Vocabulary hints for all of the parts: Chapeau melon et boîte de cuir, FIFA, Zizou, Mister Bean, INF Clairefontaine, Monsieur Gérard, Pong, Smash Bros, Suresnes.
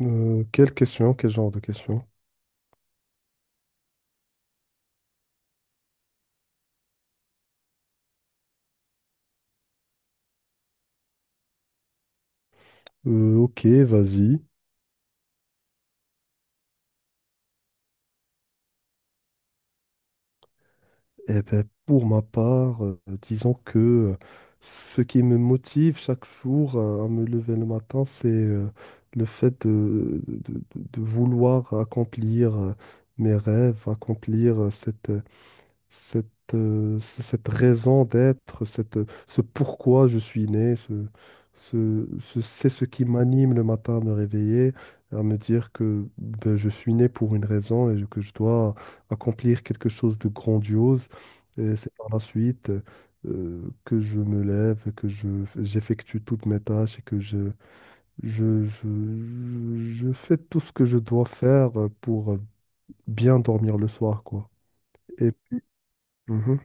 Quelle question, quel genre de question? Ok, vas-y. Eh ben, pour ma part, disons que ce qui me motive chaque jour à me lever le matin, c'est le fait de vouloir accomplir mes rêves, accomplir cette raison d'être, ce pourquoi je suis né, c'est ce qui m'anime le matin à me réveiller, à me dire que ben, je suis né pour une raison et que je dois accomplir quelque chose de grandiose. Et c'est par la suite que je me lève, j'effectue toutes mes tâches et que je, je, je, je fais tout ce que je dois faire pour bien dormir le soir, quoi. Et puis. Mhm.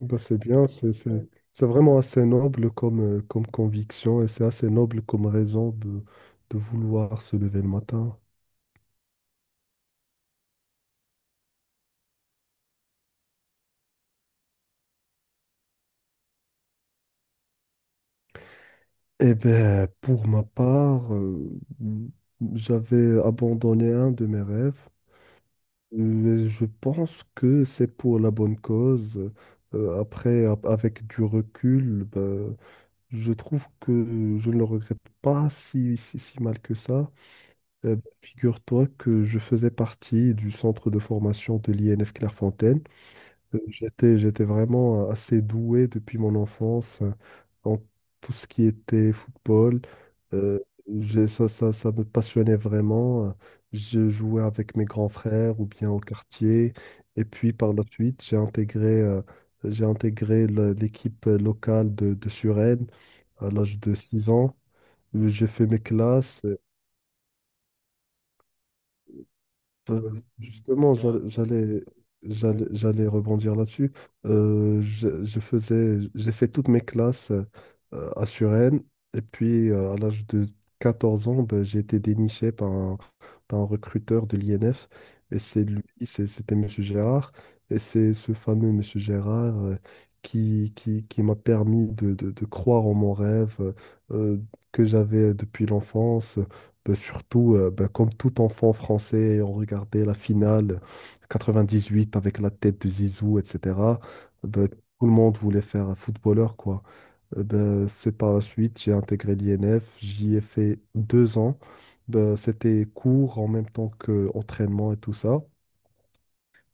Bah, c'est bien, c'est vraiment assez noble comme conviction et c'est assez noble comme raison de vouloir se lever le matin. Eh bien, pour ma part, j'avais abandonné un de mes rêves. Je pense que c'est pour la bonne cause. Après, avec du recul, ben, je trouve que je ne le regrette pas si mal que ça. Bah, figure-toi que je faisais partie du centre de formation de l'INF Clairefontaine. J'étais vraiment assez doué depuis mon enfance en tout ce qui était football. Euh, ça me passionnait vraiment. Je jouais avec mes grands frères ou bien au quartier. Et puis par la suite, j'ai intégré l'équipe locale de Suresnes à l'âge de 6 ans. J'ai fait mes classes. Justement, j'allais rebondir là-dessus. J'ai fait toutes mes classes à Suresnes. Et puis, à l'âge de 14 ans, ben, j'ai été déniché par un recruteur de l'INF. Et c'est lui, c'était Monsieur Gérard. Et c'est ce fameux Monsieur Gérard qui m'a permis de croire en mon rêve euh, que j'avais depuis l'enfance. Bah, surtout, comme tout enfant français, on regardait la finale 98 avec la tête de Zizou, etc. Bah, tout le monde voulait faire un footballeur, quoi. Ben, c'est par la suite, j'ai intégré l'INF, j'y ai fait 2 ans. Ben, c'était cours en même temps que entraînement et tout ça.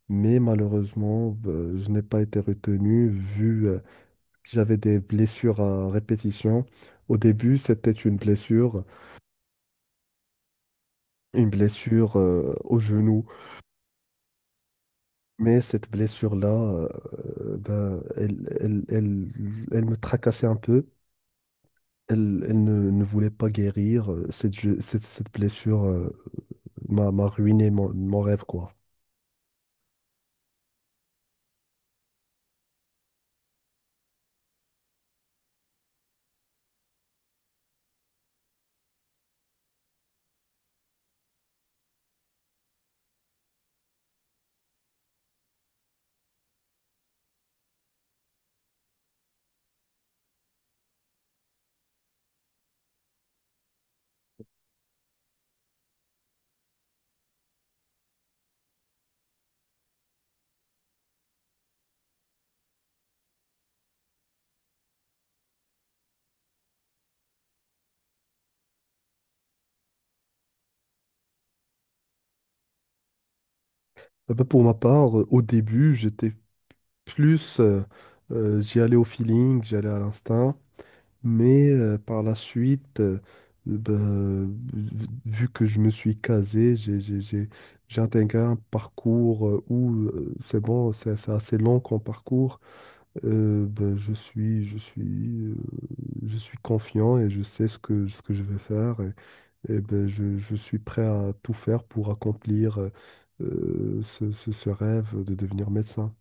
Mais malheureusement, ben, je n'ai pas été retenu vu que j'avais des blessures à répétition. Au début, c'était une blessure au genou. Mais cette blessure-là, ben, elle me tracassait un peu. Elle ne voulait pas guérir. Cette blessure m'a ruiné mon rêve, quoi. Ben, pour ma part, au début, j'étais plus... euh, j'y allais au feeling, j'y allais à l'instinct. Mais par la suite, ben, vu vu que je me suis casé, j'ai intégré un parcours où c'est bon, c'est assez long comme parcours. Ben, euh, je suis confiant et je sais ce que je vais faire et ben, je suis prêt à tout faire pour accomplir ce rêve de devenir médecin.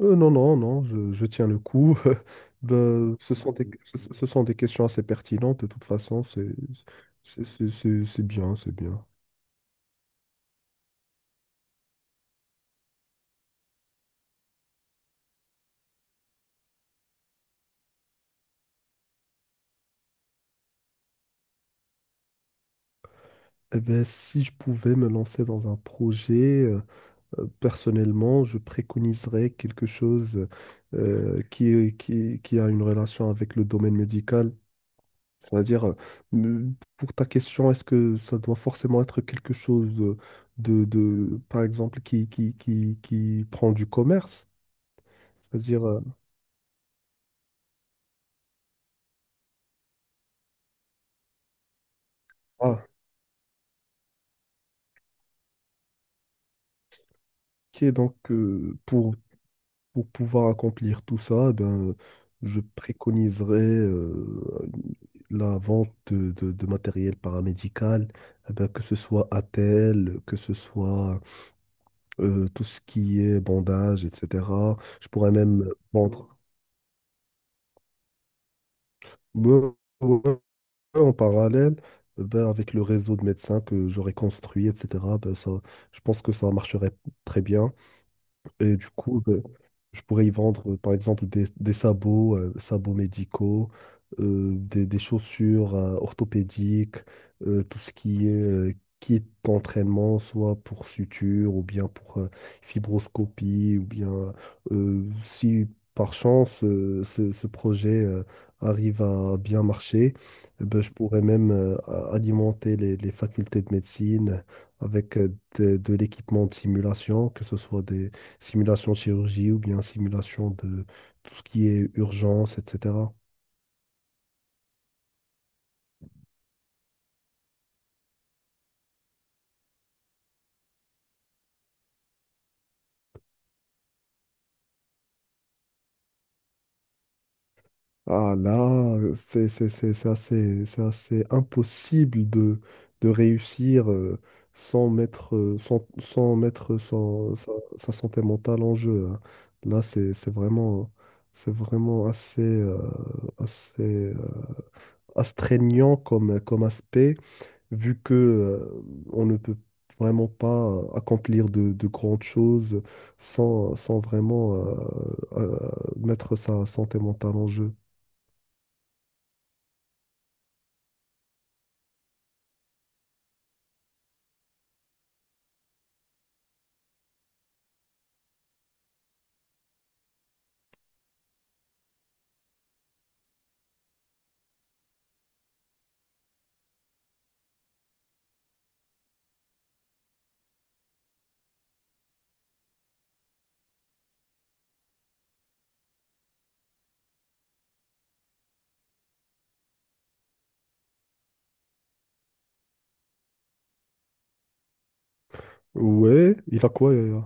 Non, non, non, je tiens le coup. Ben, ce sont des questions assez pertinentes. De toute façon, c'est bien, c'est bien. Eh ben, si je pouvais me lancer dans un projet, personnellement, je préconiserais quelque chose qui a une relation avec le domaine médical. C'est-à-dire, pour ta question, est-ce que ça doit forcément être quelque chose par exemple, qui prend du commerce? C'est-à-dire, ah, ok, donc Pour pouvoir accomplir tout ça, eh ben, je préconiserais la vente de matériel paramédical, eh ben, que ce soit attelle, que ce soit tout ce qui est bandage, etc. Je pourrais même vendre. Ouais, ouais, en parallèle eh ben, avec le réseau de médecins que j'aurais construit, etc., ben, ça, je pense que ça marcherait très bien. Et du coup, je pourrais y vendre, par exemple, des sabots, sabots médicaux, des chaussures orthopédiques, tout ce qui est kit d'entraînement, soit pour suture ou bien pour fibroscopie, ou bien si par chance ce projet arrive à bien marcher, eh ben, je pourrais même alimenter les facultés de médecine avec de l'équipement de simulation, que ce soit des simulation de chirurgie ou bien simulation de tout ce qui est urgence, etc. Ah là, c'est assez impossible de réussir sans mettre, sans, sans mettre sa santé mentale en jeu, hein. Là, c'est vraiment assez, assez euh, astreignant comme aspect. Vu que on ne peut vraiment pas accomplir de grandes choses sans vraiment mettre sa santé mentale en jeu. Ouais, il a quoi, Yaya?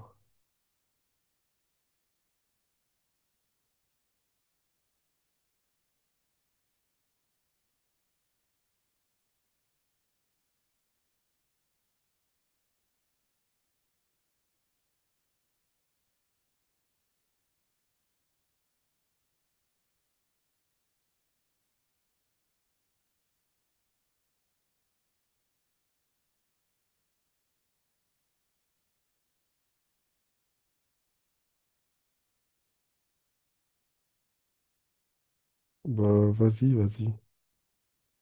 Bah, vas-y, vas-y.